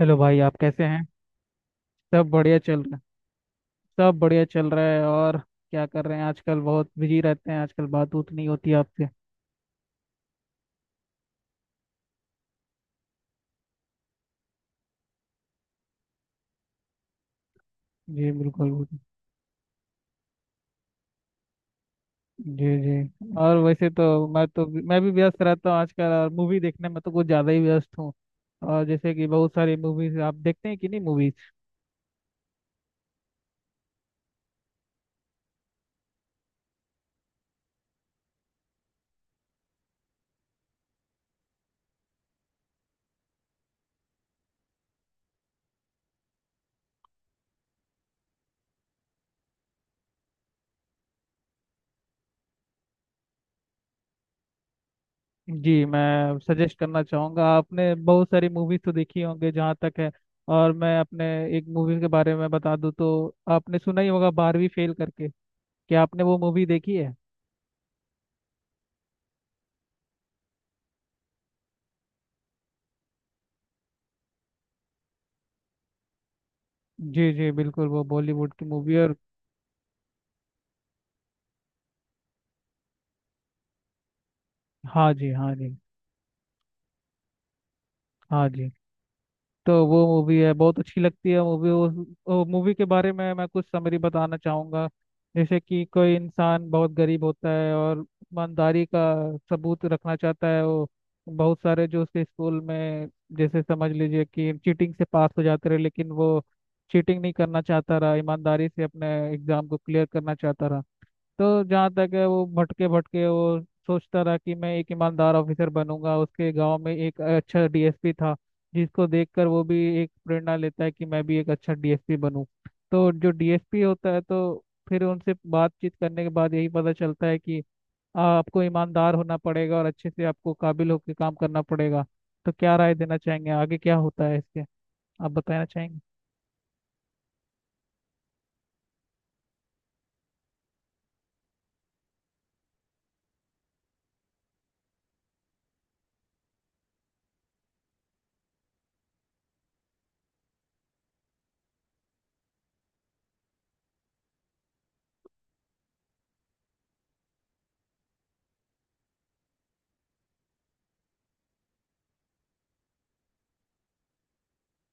Hello भाई, आप कैसे हैं। सब बढ़िया चल रहा है। सब बढ़िया चल रहा है। और क्या कर रहे हैं आजकल, बहुत बिजी रहते हैं आजकल, बात उत नहीं होती आपसे। जी बिल्कुल बिल्कुल। जी जी। और वैसे तो मैं भी व्यस्त रहता हूँ आजकल, और मूवी देखने में तो कुछ ज़्यादा ही व्यस्त हूँ। और जैसे कि बहुत सारी मूवीज आप देखते हैं कि नहीं, मूवीज। जी, मैं सजेस्ट करना चाहूँगा। आपने बहुत सारी मूवीज तो देखी होंगे जहाँ तक है। और मैं अपने एक मूवी के बारे में बता दूँ, तो आपने सुना ही होगा बारहवीं फेल करके, क्या आपने वो मूवी देखी है। जी जी बिल्कुल, वो बॉलीवुड की मूवी है। और हाँ जी, हाँ जी। हाँ जी। तो वो मूवी है, बहुत अच्छी लगती है मूवी। वो मूवी के बारे में मैं कुछ समरी बताना चाहूँगा। जैसे कि कोई इंसान बहुत गरीब होता है और ईमानदारी का सबूत रखना चाहता है। वो बहुत सारे जो उसके स्कूल में, जैसे समझ लीजिए कि चीटिंग से पास हो जाते रहे, लेकिन वो चीटिंग नहीं करना चाहता रहा, ईमानदारी से अपने एग्जाम को क्लियर करना चाहता रहा। तो जहाँ तक है, वो भटके भटके, वो सोचता रहा कि मैं एक ईमानदार ऑफिसर बनूंगा। उसके गांव में एक अच्छा डीएसपी था, जिसको देखकर वो भी एक प्रेरणा लेता है कि मैं भी एक अच्छा डीएसपी बनूं। तो जो डीएसपी होता है, तो फिर उनसे बातचीत करने के बाद यही पता चलता है कि आपको ईमानदार होना पड़ेगा और अच्छे से आपको काबिल होकर काम करना पड़ेगा। तो क्या राय देना चाहेंगे, आगे क्या होता है इसके, आप बताना चाहेंगे।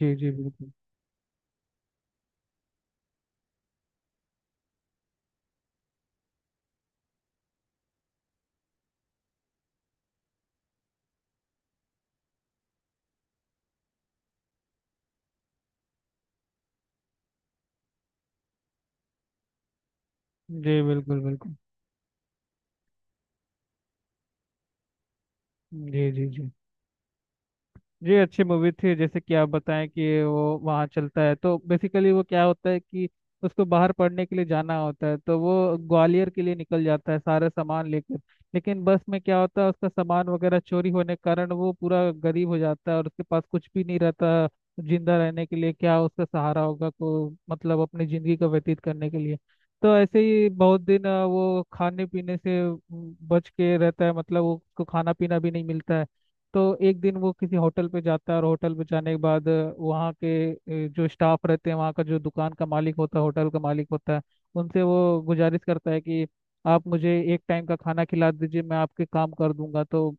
जी जी बिल्कुल। जी बिल्कुल बिल्कुल। जी जी जी। ये अच्छी मूवी थी। जैसे कि आप बताएं कि वो वहाँ चलता है, तो बेसिकली वो क्या होता है कि उसको बाहर पढ़ने के लिए जाना होता है, तो वो ग्वालियर के लिए निकल जाता है सारा सामान लेकर। लेकिन बस में क्या होता है, उसका सामान वगैरह चोरी होने के कारण वो पूरा गरीब हो जाता है और उसके पास कुछ भी नहीं रहता जिंदा रहने के लिए। क्या उसका सहारा होगा को, मतलब अपनी जिंदगी का व्यतीत करने के लिए। तो ऐसे ही बहुत दिन वो खाने पीने से बच के रहता है, मतलब उसको खाना पीना भी नहीं मिलता है। तो एक दिन वो किसी होटल पे जाता है, और होटल पे जाने के बाद वहाँ के जो स्टाफ रहते हैं, वहाँ का जो दुकान का मालिक होता है, होटल का मालिक होता है, उनसे वो गुजारिश करता है कि आप मुझे एक टाइम का खाना खिला दीजिए, मैं आपके काम कर दूंगा। तो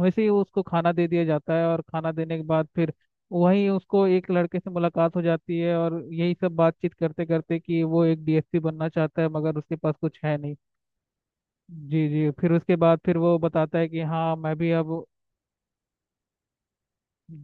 वैसे ही उसको खाना दे दिया जाता है, और खाना देने के बाद फिर वहीं उसको एक लड़के से मुलाकात हो जाती है, और यही सब बातचीत करते करते कि वो एक डीएसपी बनना चाहता है मगर उसके पास कुछ है नहीं। जी जी। फिर उसके बाद फिर वो बताता है कि हाँ मैं भी अब।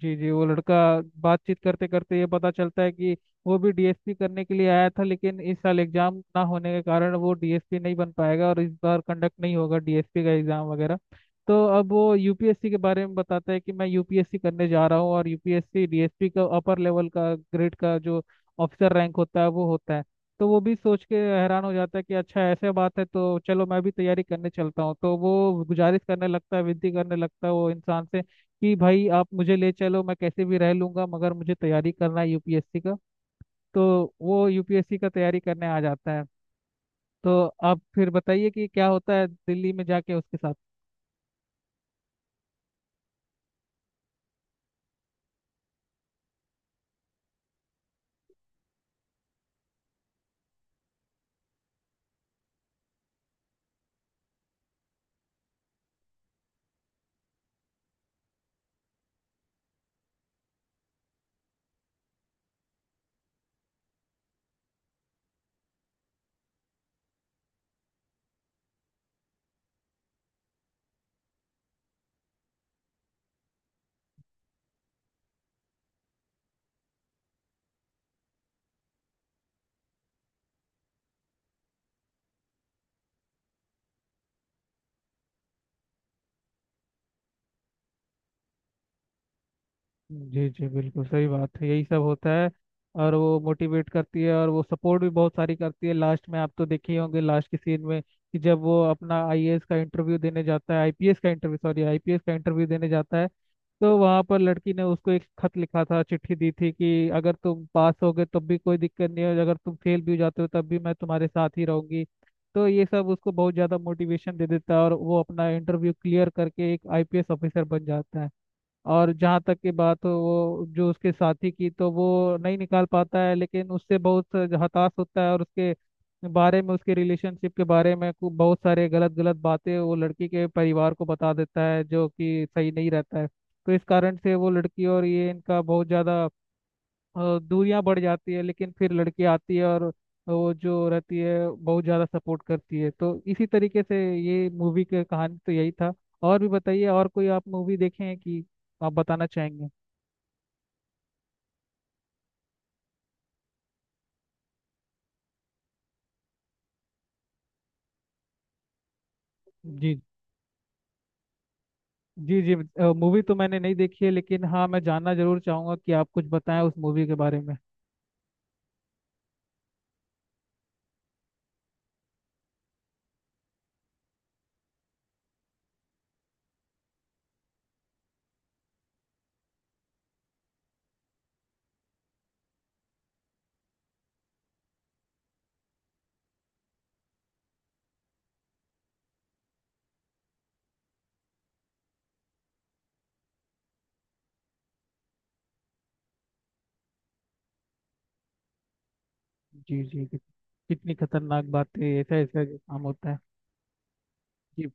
जी जी। वो लड़का, बातचीत करते करते ये पता चलता है कि वो भी डीएसपी करने के लिए आया था, लेकिन इस साल एग्जाम ना होने के कारण वो डीएसपी नहीं बन पाएगा और इस बार कंडक्ट नहीं होगा डीएसपी का एग्जाम वगैरह। तो अब वो यूपीएससी के बारे में बताता है कि मैं यूपीएससी करने जा रहा हूँ, और यूपीएससी डीएसपी का अपर लेवल का ग्रेड का जो ऑफिसर रैंक होता है, वो होता है। तो वो भी सोच के हैरान हो जाता है कि अच्छा ऐसे बात है, तो चलो मैं भी तैयारी करने चलता हूँ। तो वो गुजारिश करने लगता है, विनती करने लगता है वो इंसान से, कि भाई आप मुझे ले चलो, मैं कैसे भी रह लूंगा मगर मुझे तैयारी करना है यूपीएससी का। तो वो यूपीएससी का तैयारी करने आ जाता है। तो आप फिर बताइए कि क्या होता है दिल्ली में जाके उसके साथ। जी जी बिल्कुल सही बात है, यही सब होता है। और वो मोटिवेट करती है, और वो सपोर्ट भी बहुत सारी करती है लास्ट में। आप तो देखे ही होंगे लास्ट के सीन में कि जब वो अपना आईएएस का इंटरव्यू देने जाता है, आईपीएस का इंटरव्यू, सॉरी आईपीएस का इंटरव्यू देने जाता है, तो वहां पर लड़की ने उसको एक खत लिखा था, चिट्ठी दी थी कि अगर तुम पास हो गए तब भी कोई दिक्कत नहीं है, अगर तुम फेल भी हो जाते हो तब भी मैं तुम्हारे साथ ही रहूंगी। तो ये सब उसको बहुत ज्यादा मोटिवेशन दे देता है, और वो अपना इंटरव्यू क्लियर करके एक आईपीएस ऑफिसर बन जाता है। और जहाँ तक की बात हो वो जो उसके साथी की, तो वो नहीं निकाल पाता है, लेकिन उससे बहुत हताश होता है और उसके बारे में, उसके रिलेशनशिप के बारे में बहुत सारे गलत गलत बातें वो लड़की के परिवार को बता देता है, जो कि सही नहीं रहता है। तो इस कारण से वो लड़की और ये, इनका बहुत ज़्यादा दूरियां बढ़ जाती है। लेकिन फिर लड़की आती है, और वो जो रहती है, बहुत ज़्यादा सपोर्ट करती है। तो इसी तरीके से ये मूवी की कहानी, तो यही था। और भी बताइए, और कोई आप मूवी देखे हैं कि, आप बताना चाहेंगे। जी जी जी। मूवी तो मैंने नहीं देखी है, लेकिन हाँ मैं जानना जरूर चाहूंगा कि आप कुछ बताएं उस मूवी के बारे में। जी जी जी। कितनी खतरनाक बात है, ऐसा ऐसा काम होता है। जी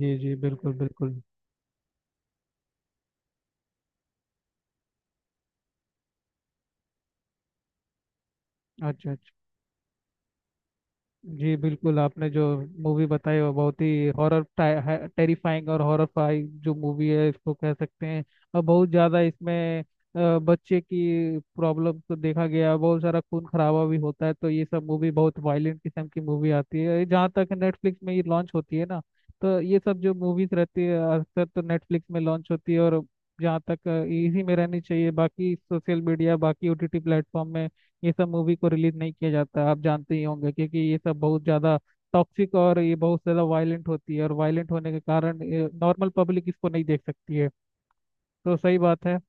जी जी बिल्कुल बिल्कुल। अच्छा अच्छा। जी बिल्कुल, आपने जो मूवी बताई वो बहुत ही हॉरर, टेरिफाइंग और हॉरर जो मूवी है, इसको कह सकते हैं। और बहुत ज़्यादा इसमें बच्चे की प्रॉब्लम को देखा गया, बहुत सारा खून खराबा भी होता है। तो ये सब मूवी बहुत वायलेंट किस्म की मूवी आती है, जहाँ तक नेटफ्लिक्स में ये लॉन्च होती है ना। तो ये सब जो मूवीज रहती है अक्सर तो नेटफ्लिक्स में लॉन्च होती है, और जहाँ तक इसी में रहनी चाहिए। बाकी सोशल मीडिया, बाकी ओटीटी प्लेटफॉर्म में ये सब मूवी को रिलीज नहीं किया जाता, आप जानते ही होंगे, क्योंकि ये सब बहुत ज़्यादा टॉक्सिक और ये बहुत ज़्यादा वायलेंट होती है, और वायलेंट होने के कारण नॉर्मल पब्लिक इसको नहीं देख सकती है। तो सही बात है।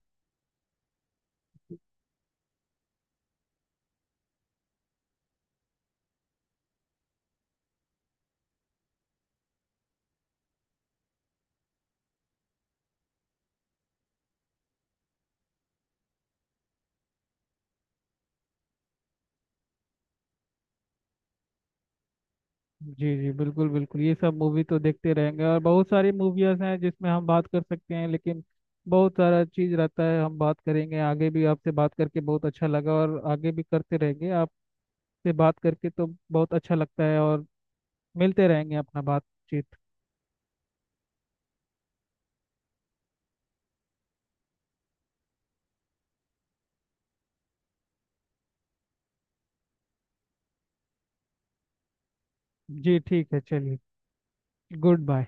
जी जी बिल्कुल बिल्कुल, ये सब मूवी तो देखते रहेंगे, और बहुत सारी मूवीज हैं जिसमें हम बात कर सकते हैं, लेकिन बहुत सारा चीज़ रहता है। हम बात करेंगे आगे भी, आपसे बात करके बहुत अच्छा लगा और आगे भी करते रहेंगे। आपसे बात करके तो बहुत अच्छा लगता है, और मिलते रहेंगे अपना बातचीत। जी ठीक है, चलिए। Good bye.